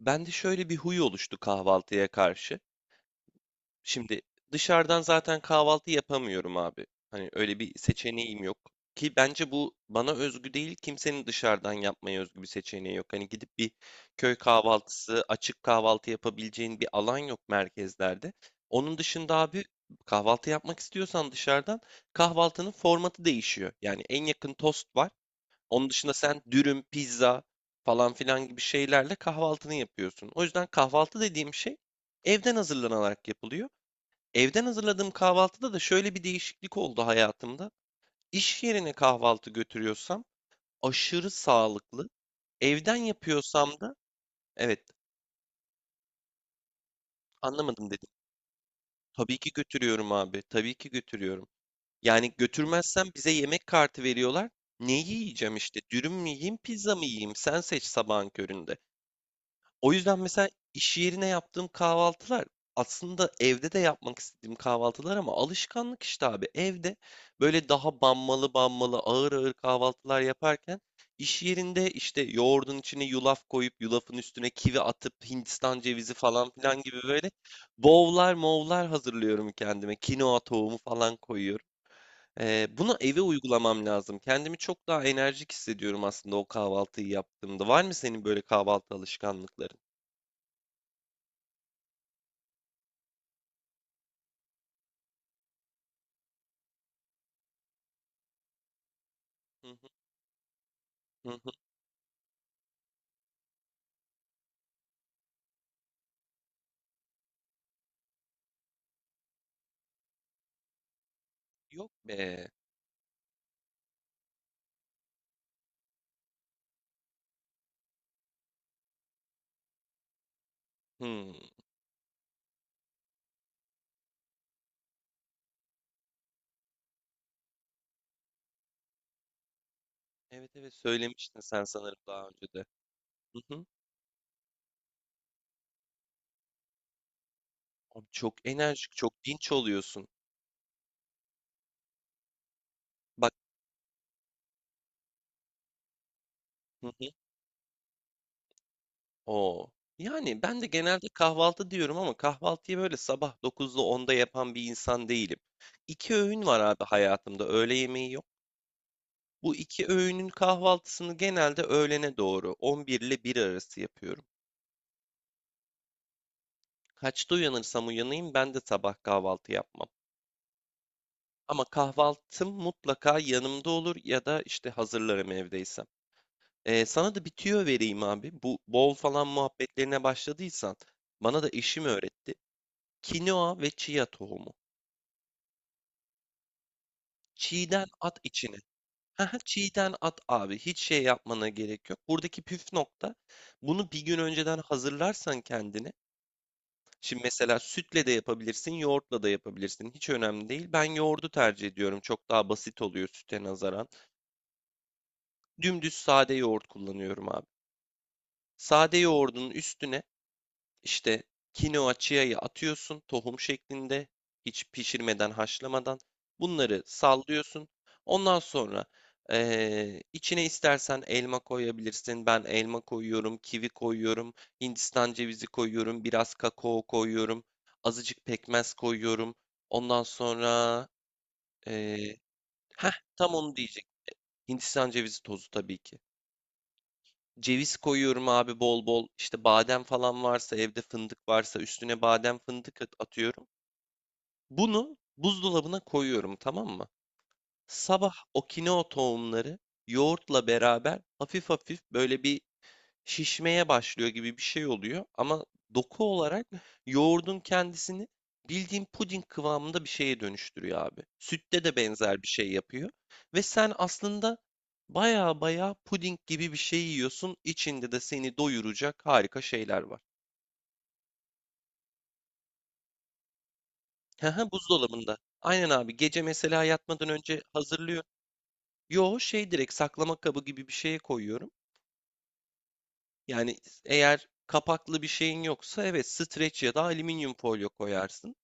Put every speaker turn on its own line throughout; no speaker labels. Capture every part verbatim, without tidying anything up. Bende şöyle bir huy oluştu kahvaltıya karşı. Şimdi dışarıdan zaten kahvaltı yapamıyorum abi. Hani öyle bir seçeneğim yok. Ki bence bu bana özgü değil, kimsenin dışarıdan yapmaya özgü bir seçeneği yok. Hani gidip bir köy kahvaltısı, açık kahvaltı yapabileceğin bir alan yok merkezlerde. Onun dışında abi kahvaltı yapmak istiyorsan dışarıdan kahvaltının formatı değişiyor. Yani en yakın tost var. Onun dışında sen dürüm, pizza falan filan gibi şeylerle kahvaltını yapıyorsun. O yüzden kahvaltı dediğim şey evden hazırlanarak yapılıyor. Evden hazırladığım kahvaltıda da şöyle bir değişiklik oldu hayatımda. İş yerine kahvaltı götürüyorsam aşırı sağlıklı. Evden yapıyorsam da evet anlamadım dedim. Tabii ki götürüyorum abi. Tabii ki götürüyorum. Yani götürmezsem bize yemek kartı veriyorlar. Ne yiyeceğim işte? Dürüm mü yiyeyim, pizza mı yiyeyim? Sen seç sabahın köründe. O yüzden mesela iş yerine yaptığım kahvaltılar aslında evde de yapmak istediğim kahvaltılar ama alışkanlık işte abi. Evde böyle daha banmalı banmalı ağır ağır kahvaltılar yaparken iş yerinde işte yoğurdun içine yulaf koyup yulafın üstüne kivi atıp Hindistan cevizi falan filan gibi böyle bowl'lar mowlar hazırlıyorum kendime. Kinoa tohumu falan koyuyorum. Ee, bunu eve uygulamam lazım. Kendimi çok daha enerjik hissediyorum aslında o kahvaltıyı yaptığımda. Var mı senin böyle kahvaltı alışkanlıkların? Hı hı, hı hı. Yok be. Hımm. Evet, evet, söylemiştin sen sanırım daha önce de. Hı hı. Abi çok enerjik, çok dinç oluyorsun. Bak, hı hı. O! Yani ben de genelde kahvaltı diyorum ama kahvaltıyı böyle sabah dokuzda onda yapan bir insan değilim. İki öğün var abi hayatımda, öğle yemeği yok. Bu iki öğünün kahvaltısını genelde öğlene doğru on bir ile bir arası yapıyorum. Kaçta uyanırsam uyanayım ben de sabah kahvaltı yapmam. Ama kahvaltım mutlaka yanımda olur ya da işte hazırlarım evdeysem. Ee, sana da bir tüyo vereyim abi. Bu bol falan muhabbetlerine başladıysan bana da eşim öğretti. Kinoa ve chia tohumu. Çiğden at içine. Haha, çiğden at abi. Hiç şey yapmana gerek yok. Buradaki püf nokta bunu bir gün önceden hazırlarsan kendine. Şimdi mesela sütle de yapabilirsin, yoğurtla da yapabilirsin. Hiç önemli değil. Ben yoğurdu tercih ediyorum. Çok daha basit oluyor süte nazaran. Dümdüz sade yoğurt kullanıyorum abi. Sade yoğurdun üstüne işte kinoa chia'yı atıyorsun tohum şeklinde hiç pişirmeden haşlamadan. Bunları sallıyorsun. Ondan sonra eee, içine istersen elma koyabilirsin. Ben elma koyuyorum, kivi koyuyorum, Hindistan cevizi koyuyorum, biraz kakao koyuyorum, azıcık pekmez koyuyorum. Ondan sonra eee heh, tam onu diyecek. Hindistan cevizi tozu tabii ki. Ceviz koyuyorum abi bol bol. İşte badem falan varsa, evde fındık varsa üstüne badem fındık at- atıyorum. Bunu buzdolabına koyuyorum, tamam mı? Sabah o kinoa tohumları yoğurtla beraber hafif hafif böyle bir şişmeye başlıyor gibi bir şey oluyor ama doku olarak yoğurdun kendisini bildiğin puding kıvamında bir şeye dönüştürüyor abi. Sütte de benzer bir şey yapıyor ve sen aslında baya baya puding gibi bir şey yiyorsun. İçinde de seni doyuracak harika şeyler var. Haha, buzdolabında. Aynen abi, gece mesela yatmadan önce hazırlıyorum. Yo şey direkt saklama kabı gibi bir şeye koyuyorum. Yani eğer kapaklı bir şeyin yoksa evet streç ya da alüminyum folyo koyarsın.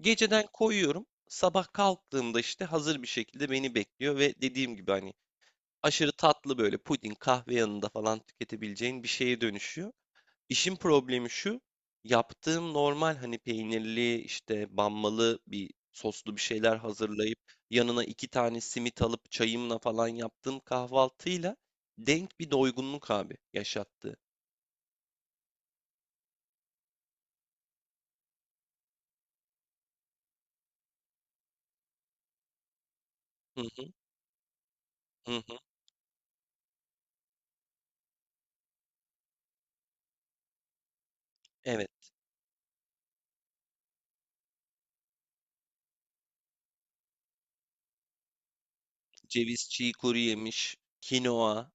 Geceden koyuyorum. Sabah kalktığımda işte hazır bir şekilde beni bekliyor ve dediğim gibi hani aşırı tatlı böyle puding, kahve yanında falan tüketebileceğin bir şeye dönüşüyor. İşin problemi şu. Yaptığım normal hani peynirli işte banmalı bir soslu bir şeyler hazırlayıp yanına iki tane simit alıp çayımla falan yaptığım kahvaltıyla denk bir doygunluk abi yaşattı. Hı hı, hı hı. Evet. Ceviz, çiğ kuru yemiş, kinoa.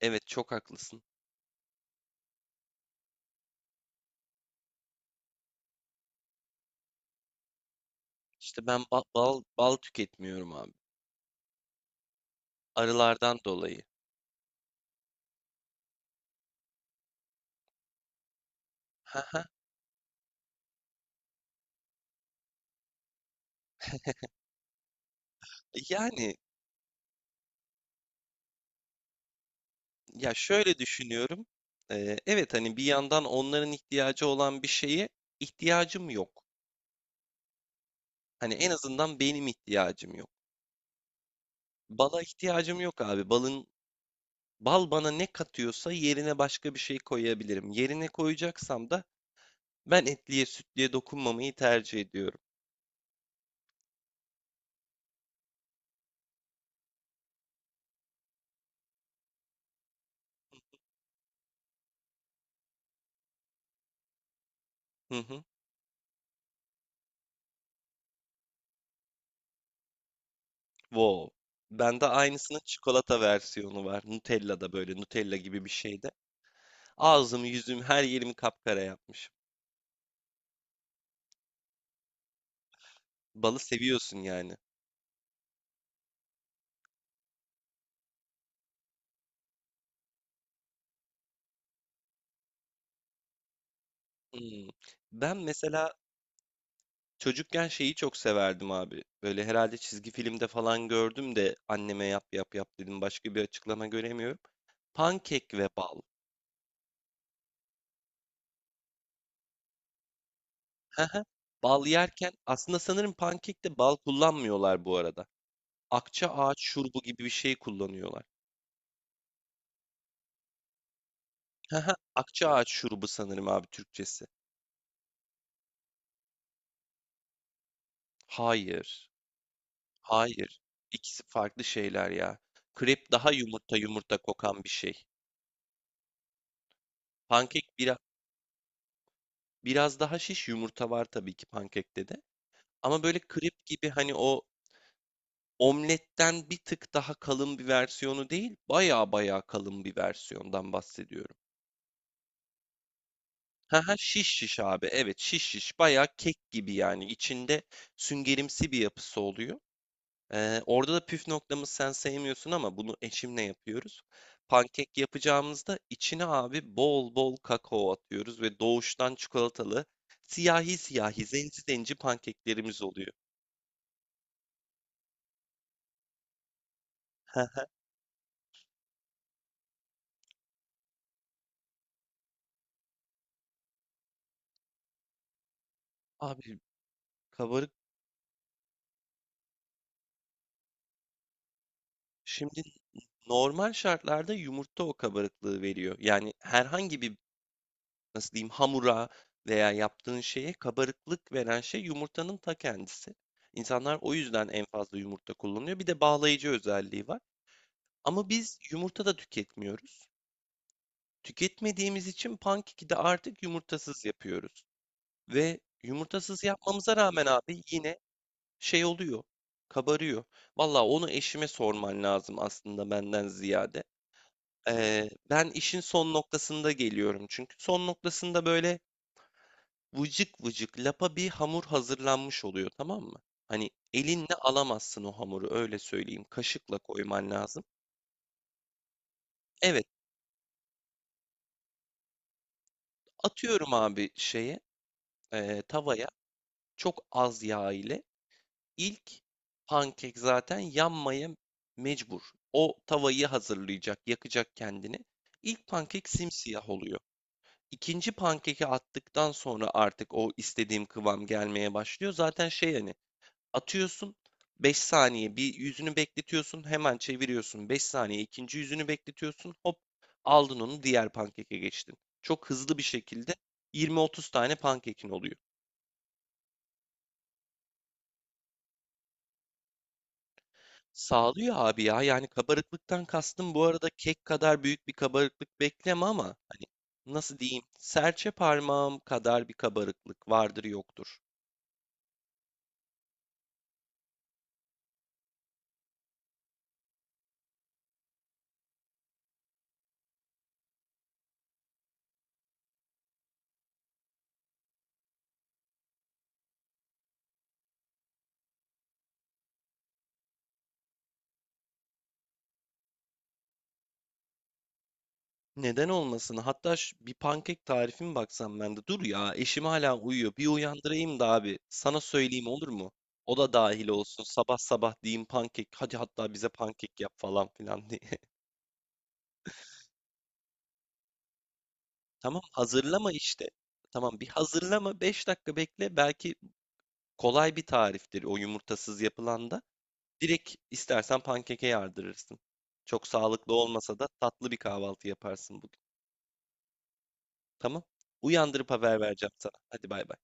Evet, çok haklısın. İşte ben ba- bal bal tüketmiyorum abi. Arılardan dolayı. Haha. Yani ya şöyle düşünüyorum. Ee, evet hani bir yandan onların ihtiyacı olan bir şeye ihtiyacım yok. Hani en azından benim ihtiyacım yok. Bala ihtiyacım yok abi. Balın bal bana ne katıyorsa yerine başka bir şey koyabilirim. Yerine koyacaksam da ben etliye sütlüye dokunmamayı tercih ediyorum. Hı hı. Wow. Bende aynısının çikolata versiyonu var. Nutella'da, böyle Nutella gibi bir şeyde. Ağzımı, yüzümü, her yerimi kapkara yapmış. Balı seviyorsun yani. Hmm. Ben mesela çocukken şeyi çok severdim abi. Böyle herhalde çizgi filmde falan gördüm de anneme yap yap yap dedim. Başka bir açıklama göremiyorum. Pankek ve bal. Bal yerken aslında sanırım pankekte bal kullanmıyorlar bu arada. Akça ağaç şurubu gibi bir şey kullanıyorlar. Hıhı. Akça ağaç şurubu sanırım abi Türkçesi. Hayır. Hayır. İkisi farklı şeyler ya. Krep daha yumurta yumurta kokan bir şey. Pankek bira, biraz daha şiş, yumurta var tabii ki pankekte de. Ama böyle krep gibi hani o omletten bir tık daha kalın bir versiyonu değil, baya baya kalın bir versiyondan bahsediyorum. Ha ha, şiş şiş abi. Evet, şiş şiş. Baya kek gibi yani. İçinde süngerimsi bir yapısı oluyor. Ee, orada da püf noktamız, sen sevmiyorsun ama bunu eşimle yapıyoruz. Pankek yapacağımızda içine abi bol bol kakao atıyoruz ve doğuştan çikolatalı siyahi siyahi zenci zenci pankeklerimiz oluyor. Abi kabarık, şimdi normal şartlarda yumurta o kabarıklığı veriyor. Yani herhangi bir nasıl diyeyim hamura veya yaptığın şeye kabarıklık veren şey yumurtanın ta kendisi. İnsanlar o yüzden en fazla yumurta kullanıyor. Bir de bağlayıcı özelliği var. Ama biz yumurta da tüketmiyoruz. Tüketmediğimiz için pankeki de artık yumurtasız yapıyoruz. Ve yumurtasız yapmamıza rağmen abi yine şey oluyor, kabarıyor. Valla onu eşime sorman lazım aslında benden ziyade. Ee, ben işin son noktasında geliyorum. Çünkü son noktasında böyle vıcık vıcık lapa bir hamur hazırlanmış oluyor, tamam mı? Hani elinle alamazsın o hamuru, öyle söyleyeyim. Kaşıkla koyman lazım. Evet, atıyorum abi şeye, e, tavaya. Çok az yağ ile ilk pankek zaten yanmaya mecbur. O tavayı hazırlayacak, yakacak kendini. İlk pankek simsiyah oluyor. İkinci pankeki attıktan sonra artık o istediğim kıvam gelmeye başlıyor. Zaten şey hani atıyorsun beş saniye bir yüzünü bekletiyorsun, hemen çeviriyorsun beş saniye ikinci yüzünü bekletiyorsun, hop aldın onu, diğer pankeke geçtin. Çok hızlı bir şekilde yirmi otuz tane pankekin oluyor. Sağlıyor abi ya. Yani kabarıklıktan kastım bu arada kek kadar büyük bir kabarıklık bekleme ama hani nasıl diyeyim? Serçe parmağım kadar bir kabarıklık vardır yoktur. Neden olmasın? Hatta ş- bir pankek tarifim baksam ben de. Dur ya, eşim hala uyuyor. Bir uyandırayım da abi. Sana söyleyeyim, olur mu? O da dahil olsun. Sabah sabah diyeyim pankek. Hadi hatta bize pankek yap falan filan diye. Tamam, hazırlama işte. Tamam, bir hazırlama. Beş dakika bekle. Belki kolay bir tariftir o yumurtasız yapılan da. Direkt istersen pankeke yardırırsın. Çok sağlıklı olmasa da tatlı bir kahvaltı yaparsın bugün. Tamam. Uyandırıp haber vereceğim sana. Hadi, bay bay.